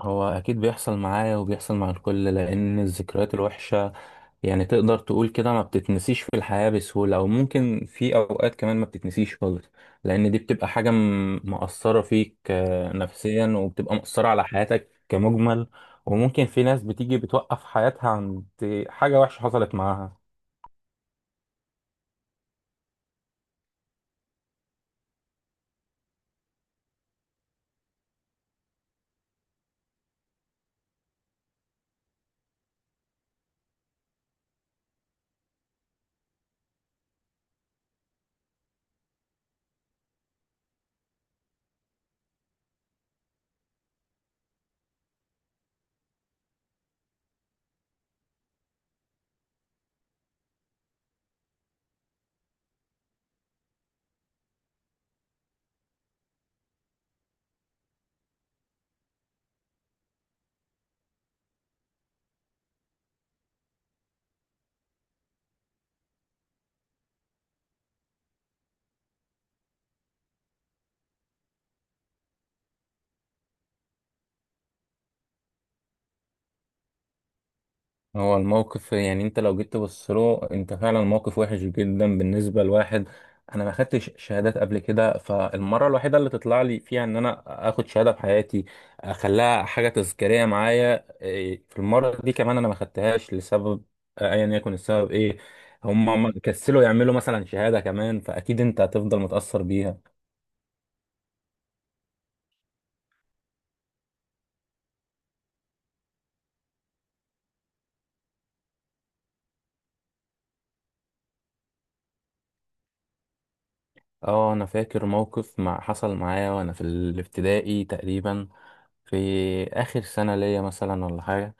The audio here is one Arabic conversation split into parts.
هو أكيد بيحصل معايا وبيحصل مع الكل، لأن الذكريات الوحشة يعني تقدر تقول كده ما بتتنسيش في الحياة بسهولة، أو ممكن في أوقات كمان ما بتتنسيش خالص. لأن دي بتبقى حاجة مأثرة فيك، نفسيا، وبتبقى مأثرة على حياتك كمجمل. وممكن في ناس بتيجي بتوقف حياتها عند حاجة وحشة حصلت معاها. هو الموقف يعني انت لو جيت تبص له انت فعلا موقف وحش جدا بالنسبه لواحد. انا ما خدتش شهادات قبل كده، فالمره الوحيده اللي تطلع لي فيها ان انا اخد شهاده في حياتي اخليها حاجه تذكاريه معايا، إيه، في المره دي كمان انا ما خدتهاش لسبب ايا يكن السبب ايه. هم كسلوا يعملوا مثلا شهاده كمان، فاكيد انت هتفضل متاثر بيها. اه، انا فاكر موقف مع حصل معايا وانا في الابتدائي تقريبا، في آخر سنة ليا مثلا ولا حاجة.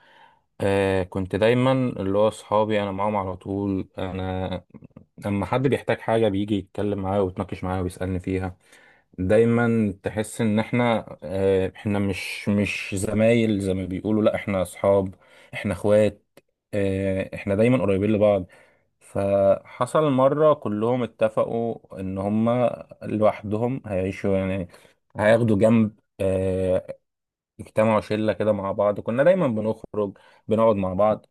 آه، كنت دايما اللي هو صحابي أنا معاهم على طول، أنا لما حد بيحتاج حاجة بيجي يتكلم معايا ويتناقش معايا ويسألني فيها. دايما تحس ان احنا، احنا مش زمايل زي ما بيقولوا، لا احنا اصحاب، احنا اخوات. آه، احنا دايما قريبين لبعض. فحصل مرة كلهم اتفقوا ان هما لوحدهم هيعيشوا يعني، هياخدوا جنب. اجتمعوا شلة كده مع بعض، كنا دايما بنخرج بنقعد مع بعض.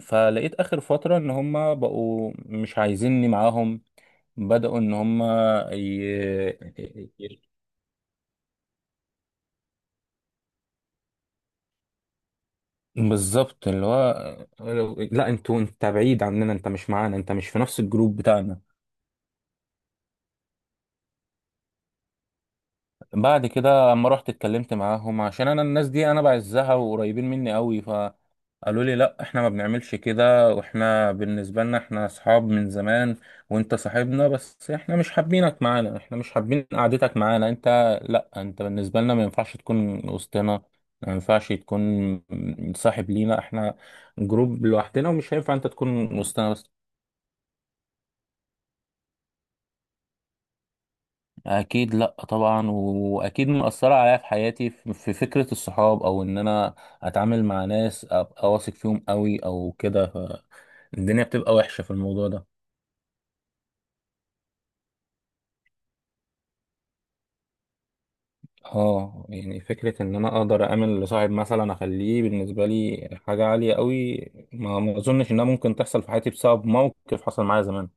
فلقيت آخر فترة إن هما بقوا مش عايزيني معاهم، بدأوا إن هما بالظبط اللي هو لا انتوا، انت بعيد عننا، انت مش معانا، انت مش في نفس الجروب بتاعنا. بعد كده اما رحت اتكلمت معاهم عشان انا الناس دي انا بعزها وقريبين مني قوي، فقالوا لي لا احنا ما بنعملش كده، واحنا بالنسبة لنا احنا اصحاب من زمان، وانت صاحبنا، بس احنا مش حابينك معانا، احنا مش حابين قعدتك معانا، انت لا انت بالنسبة لنا ما ينفعش تكون وسطنا، ما ينفعش تكون صاحب لينا، احنا جروب لوحدنا ومش هينفع انت تكون وسطنا بس. اكيد، لا طبعا، واكيد مأثرة عليا في حياتي، في في فكرة الصحاب، او ان انا اتعامل مع ناس ابقى واثق فيهم قوي او كده. الدنيا بتبقى وحشة في الموضوع ده. اه يعني فكرة ان انا اقدر اعمل لصاحب مثلا اخليه بالنسبة لي حاجة عالية قوي، ما اظنش انها ممكن تحصل في حياتي بسبب موقف حصل معايا زمان.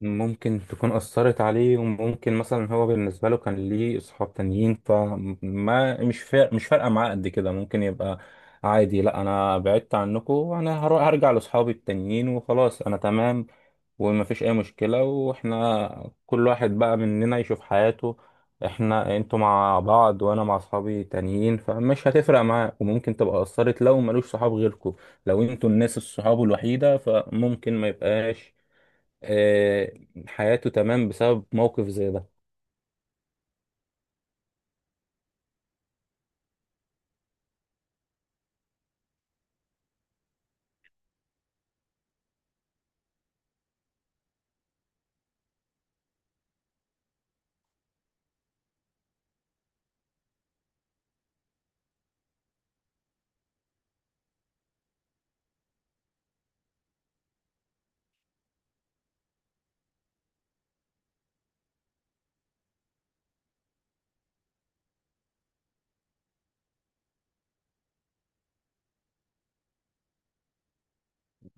ممكن تكون أثرت عليه، وممكن مثلا هو بالنسبة له كان ليه أصحاب تانيين، فما مش فارقة معاه قد كده، ممكن يبقى عادي، لا أنا بعدت عنكم وأنا هرجع لأصحابي التانيين وخلاص أنا تمام، ومفيش أي مشكلة، وإحنا كل واحد بقى مننا يشوف حياته، إحنا أنتوا مع بعض وأنا مع أصحابي تانيين، فمش هتفرق معاه. وممكن تبقى أثرت لو ملوش صحاب غيركم، لو أنتوا الناس الصحاب الوحيدة، فممكن ما يبقاش آه، حياته تمام بسبب موقف زي ده.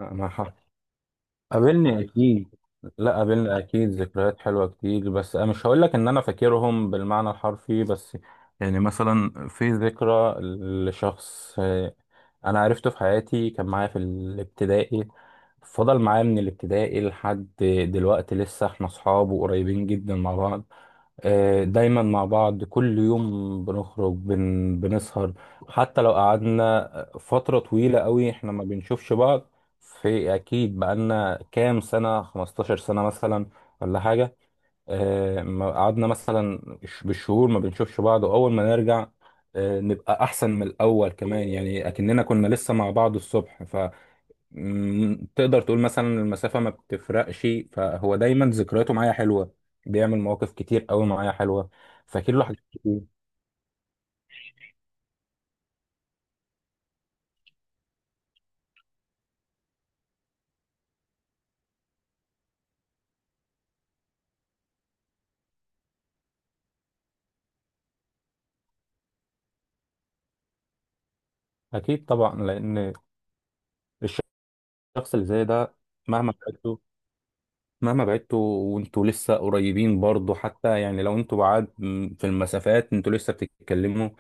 لا، ما ح- قابلني اكيد. لا، قابلني اكيد ذكريات حلوه كتير، بس انا مش هقول لك ان انا فاكرهم بالمعنى الحرفي، بس يعني مثلا في ذكرى لشخص، آه، انا عرفته في حياتي، كان معايا في الابتدائي، فضل معايا من الابتدائي لحد دلوقتي لسه احنا اصحاب وقريبين جدا مع بعض. آه، دايما مع بعض كل يوم بنخرج بنسهر. حتى لو قعدنا فترة طويلة قوي احنا ما بنشوفش بعض، في اكيد بقالنا كام سنة، 15 سنة مثلا ولا حاجة، آه، ما قعدنا مثلا بالشهور ما بنشوفش بعض، واول ما نرجع، آه، نبقى احسن من الاول كمان، يعني اكننا كنا لسه مع بعض الصبح. مم، تقدر تقول مثلا المسافة ما بتفرقش، فهو دايما ذكرياته معايا حلوة، بيعمل مواقف كتير قوي معايا حلوة، فاكر له حاجات كتير. أكيد طبعا، لأن الشخص اللي زي ده، مهما مهما بعدتوا وانتوا لسه قريبين برضو، حتى يعني لو انتوا بعاد في المسافات انتوا لسه بتتكلموا،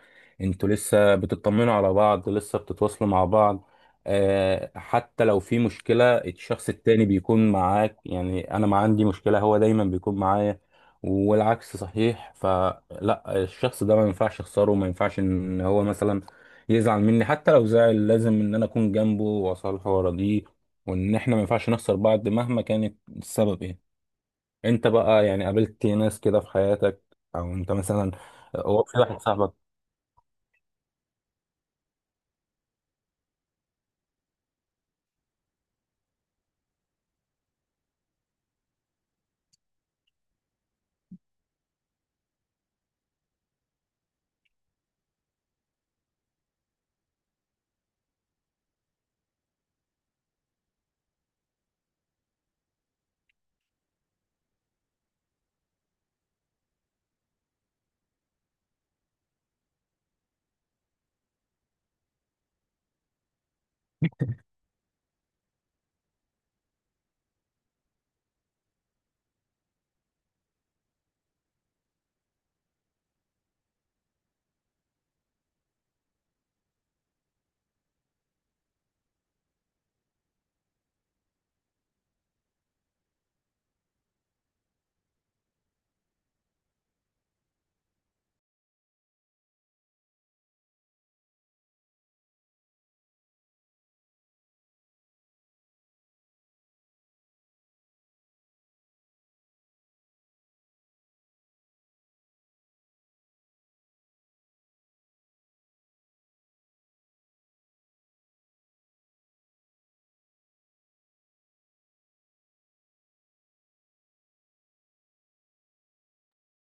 انتوا لسه بتطمنوا على بعض، لسه بتتواصلوا مع بعض. آه حتى لو في مشكلة الشخص التاني بيكون معاك، يعني انا ما عندي مشكلة، هو دايما بيكون معايا والعكس صحيح. فلا الشخص ده ما ينفعش اخسره، ما ينفعش ان هو مثلا يزعل مني، حتى لو زعل لازم ان انا اكون جنبه واصالحه وارضيه، وان احنا ما ينفعش نخسر بعض مهما كانت السبب ايه. انت بقى يعني قابلت ناس كده في حياتك، او انت مثلا هو في واحد صاحبك؟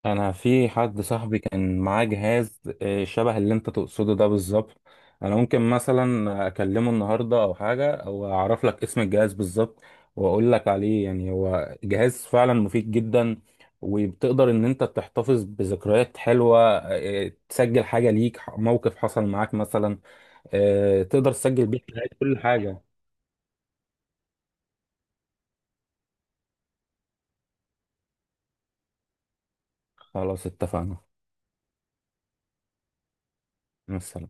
انا في حد صاحبي كان معاه جهاز، آه، شبه اللي انت تقصده ده بالظبط. انا ممكن مثلا اكلمه النهارده او حاجه او اعرف لك اسم الجهاز بالظبط واقول لك عليه. يعني هو جهاز فعلا مفيد جدا، وبتقدر ان انت تحتفظ بذكريات حلوه، آه، تسجل حاجه ليك، موقف حصل معاك مثلا، آه، تقدر تسجل بيه حاجات، كل حاجه. خلاص اتفقنا، مع السلامة.